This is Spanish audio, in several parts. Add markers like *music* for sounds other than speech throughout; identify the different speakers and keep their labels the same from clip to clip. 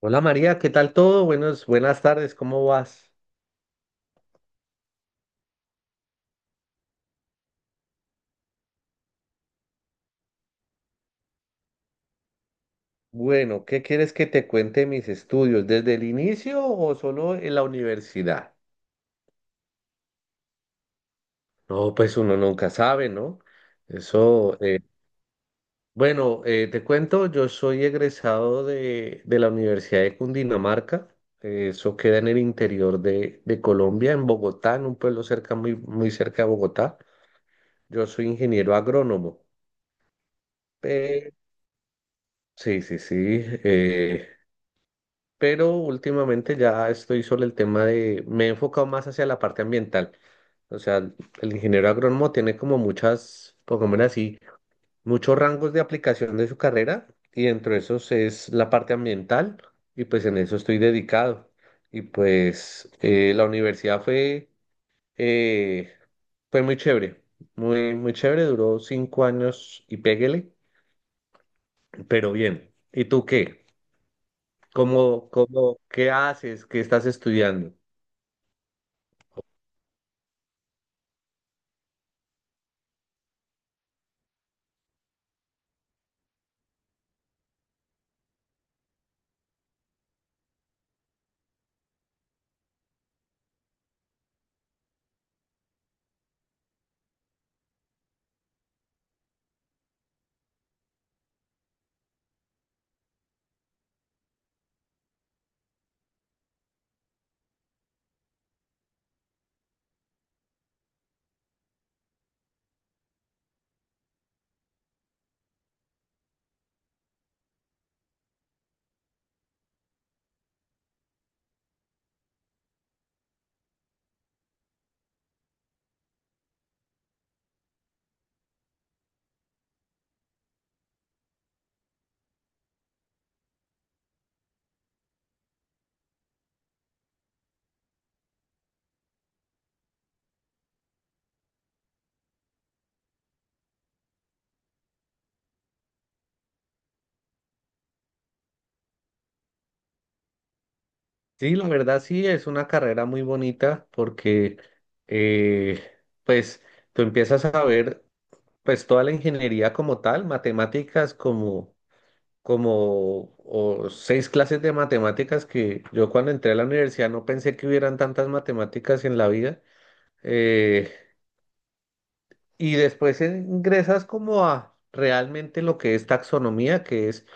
Speaker 1: Hola María, ¿qué tal todo? Buenas tardes, ¿cómo vas? Bueno, ¿qué quieres que te cuente mis estudios? ¿Desde el inicio o solo en la universidad? No, pues uno nunca sabe, ¿no? Eso, bueno, te cuento, yo soy egresado de la Universidad de Cundinamarca, eso queda en el interior de Colombia, en Bogotá, en un pueblo cerca, muy, muy cerca de Bogotá. Yo soy ingeniero agrónomo. Eh, sí, sí, sí. Pero últimamente ya estoy sobre el tema de, me he enfocado más hacia la parte ambiental. O sea, el ingeniero agrónomo tiene como muchas, pongámoslo así, muchos rangos de aplicación de su carrera y dentro de esos es la parte ambiental y pues en eso estoy dedicado. Y pues la universidad eh, fue muy chévere, muy, muy chévere, duró 5 años y péguele, pero bien. ¿Y tú qué? Qué haces? ¿Qué estás estudiando? Sí, la verdad sí, es una carrera muy bonita porque eh, pues tú empiezas a ver pues toda la ingeniería como tal, matemáticas como o 6 clases de matemáticas que yo cuando entré a la universidad no pensé que hubieran tantas matemáticas en la vida. Eh, y después ingresas como a realmente lo que es taxonomía, que es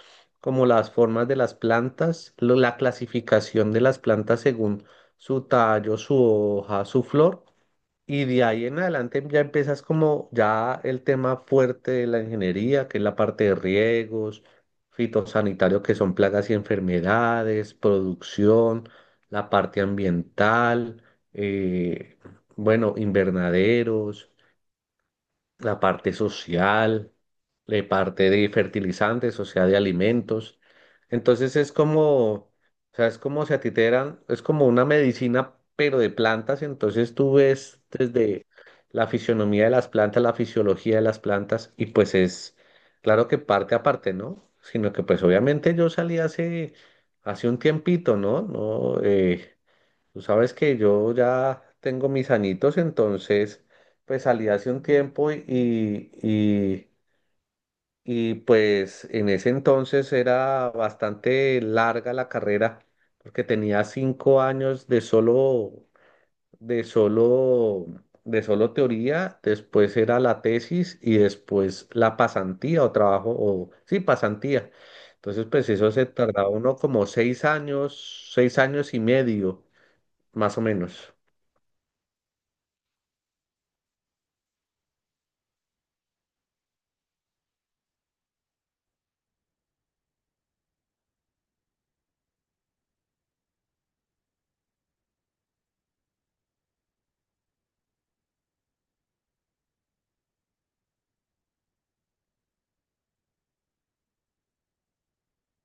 Speaker 1: como las formas de las plantas, la clasificación de las plantas según su tallo, su hoja, su flor. Y de ahí en adelante ya empiezas como ya el tema fuerte de la ingeniería, que es la parte de riegos, fitosanitario, que son plagas y enfermedades, producción, la parte ambiental, eh, bueno, invernaderos, la parte social, la parte de fertilizantes, o sea, de alimentos. Entonces es como, o sea, es como si a ti te dieran, es como una medicina, pero de plantas. Entonces tú ves desde la fisionomía de las plantas, la fisiología de las plantas, y pues es, claro que parte a parte, ¿no? Sino que pues obviamente yo salí hace un tiempito, ¿no? No. Tú sabes que yo ya tengo mis añitos, entonces pues salí hace un tiempo y, y pues en ese entonces era bastante larga la carrera, porque tenía 5 años de solo, de solo teoría, después era la tesis y después la pasantía o trabajo, o sí, pasantía. Entonces pues eso se tardaba uno como 6 años, 6 años y medio, más o menos.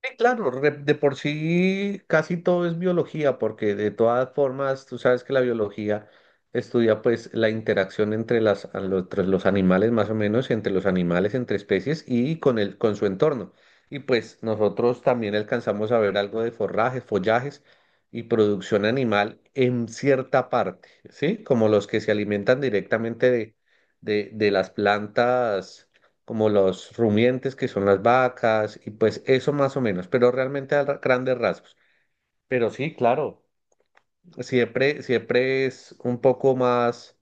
Speaker 1: Sí, claro, de por sí casi todo es biología, porque de todas formas tú sabes que la biología estudia pues la interacción entre las, a lo- entre los animales más o menos, entre los animales, entre especies y con el, con su entorno. Y pues nosotros también alcanzamos a ver algo de forrajes, follajes y producción animal en cierta parte, ¿sí? Como los que se alimentan directamente de las plantas como los rumiantes que son las vacas, y pues eso más o menos, pero realmente a grandes rasgos. Pero sí, claro, siempre, siempre es un poco más,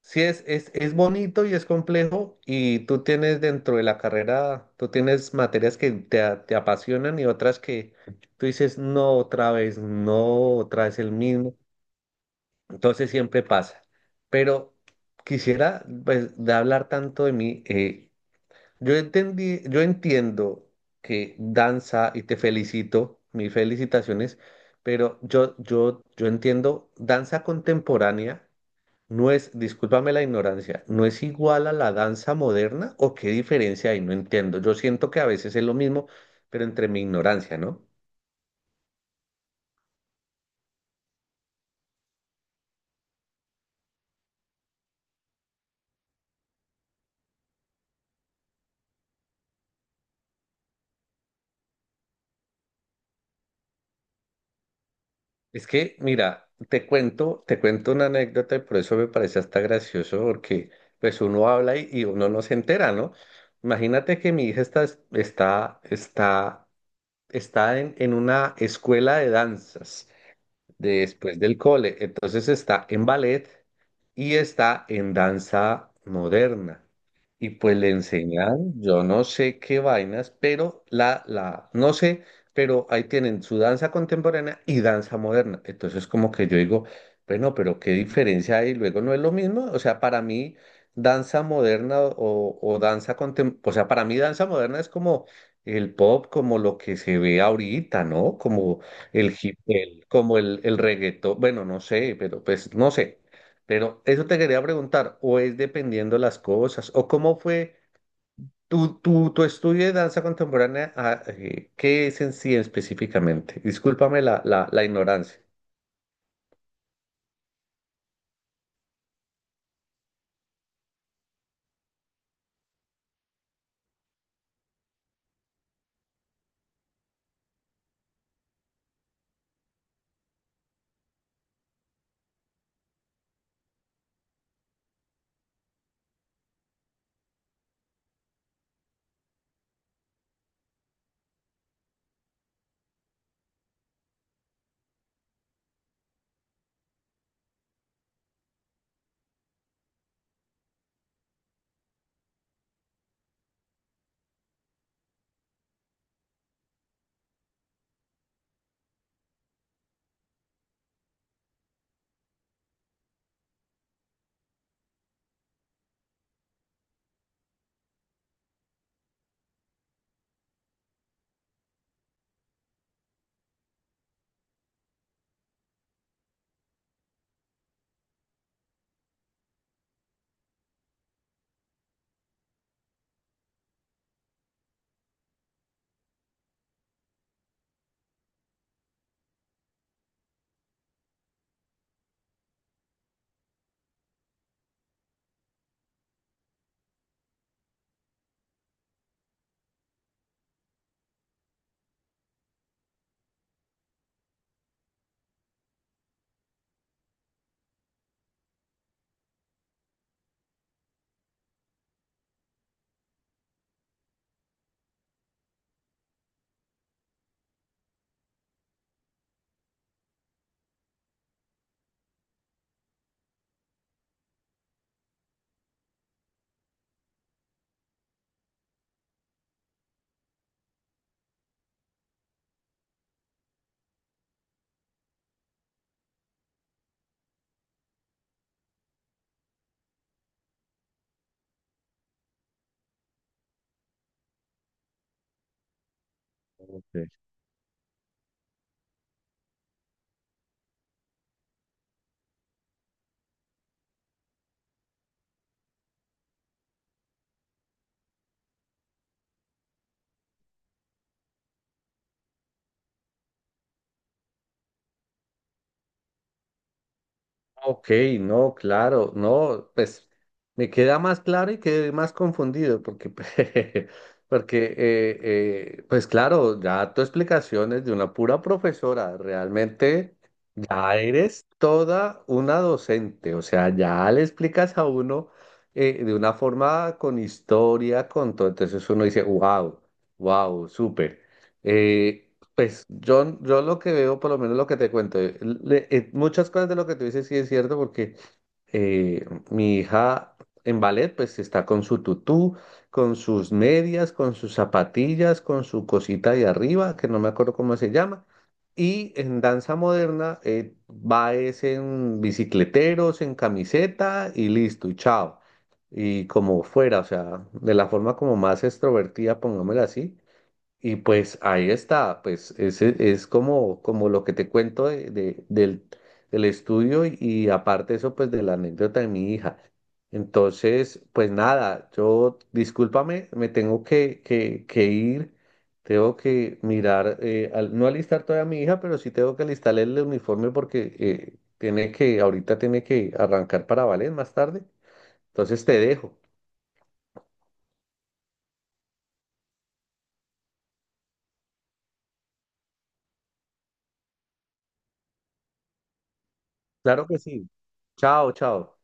Speaker 1: sí es bonito y es complejo, y tú tienes dentro de la carrera, tú tienes materias que te, te apasionan y otras que tú dices, no, otra vez, no, otra vez el mismo. Entonces siempre pasa. Pero quisiera, pues, de hablar tanto de mí, yo entiendo que danza y te felicito, mis felicitaciones, pero yo entiendo danza contemporánea no es, discúlpame la ignorancia, no es igual a la danza moderna o qué diferencia hay, no entiendo. Yo siento que a veces es lo mismo, pero entre mi ignorancia, ¿no? Es que, mira, te cuento una anécdota y por eso me parece hasta gracioso, porque pues uno habla y uno no se entera, ¿no? Imagínate que mi hija está, está, está en una escuela de danzas después del cole. Entonces está en ballet y está en danza moderna. Y pues le enseñan, yo no sé qué vainas, pero no sé, pero ahí tienen su danza contemporánea y danza moderna. Entonces como que yo digo, bueno, pero qué diferencia hay, luego no es lo mismo. O sea, para mí danza moderna o danza contemporánea, o sea, para mí danza moderna es como el pop, como lo que se ve ahorita, ¿no? Como el hip, el- como el reggaetón, bueno, no sé, pero pues no sé. Pero eso te quería preguntar, o es dependiendo las cosas, o cómo fue tu estudio de danza contemporánea, ah, ¿qué es en sí específicamente? Discúlpame la ignorancia. Ok. Ok, no, claro, no, pues me queda más claro y quedé más confundido porque, *laughs* porque pues claro, ya tu explicación es de una pura profesora, realmente ya eres toda una docente, o sea, ya le explicas a uno de una forma con historia, con todo. Entonces uno dice, wow, wow, súper. Pues yo lo que veo, por lo menos lo que te cuento, muchas cosas de lo que tú dices sí es cierto, porque eh, mi hija en ballet pues está con su tutú, con sus medias, con sus zapatillas, con su cosita de arriba, que no me acuerdo cómo se llama. Y en danza moderna va es en bicicleteros, en camiseta y listo, y chao. Y como fuera, o sea, de la forma como más extrovertida, pongámosla así. Y pues ahí está, pues ese es como, como lo que te cuento de, del estudio y aparte eso pues de la anécdota de mi hija. Entonces, pues nada, yo discúlpame, me tengo que ir, tengo que mirar, no alistar todavía a mi hija, pero sí tengo que alistarle el uniforme porque tiene que, ahorita tiene que arrancar para Valen más tarde. Entonces te dejo. Claro que sí. Chao, chao.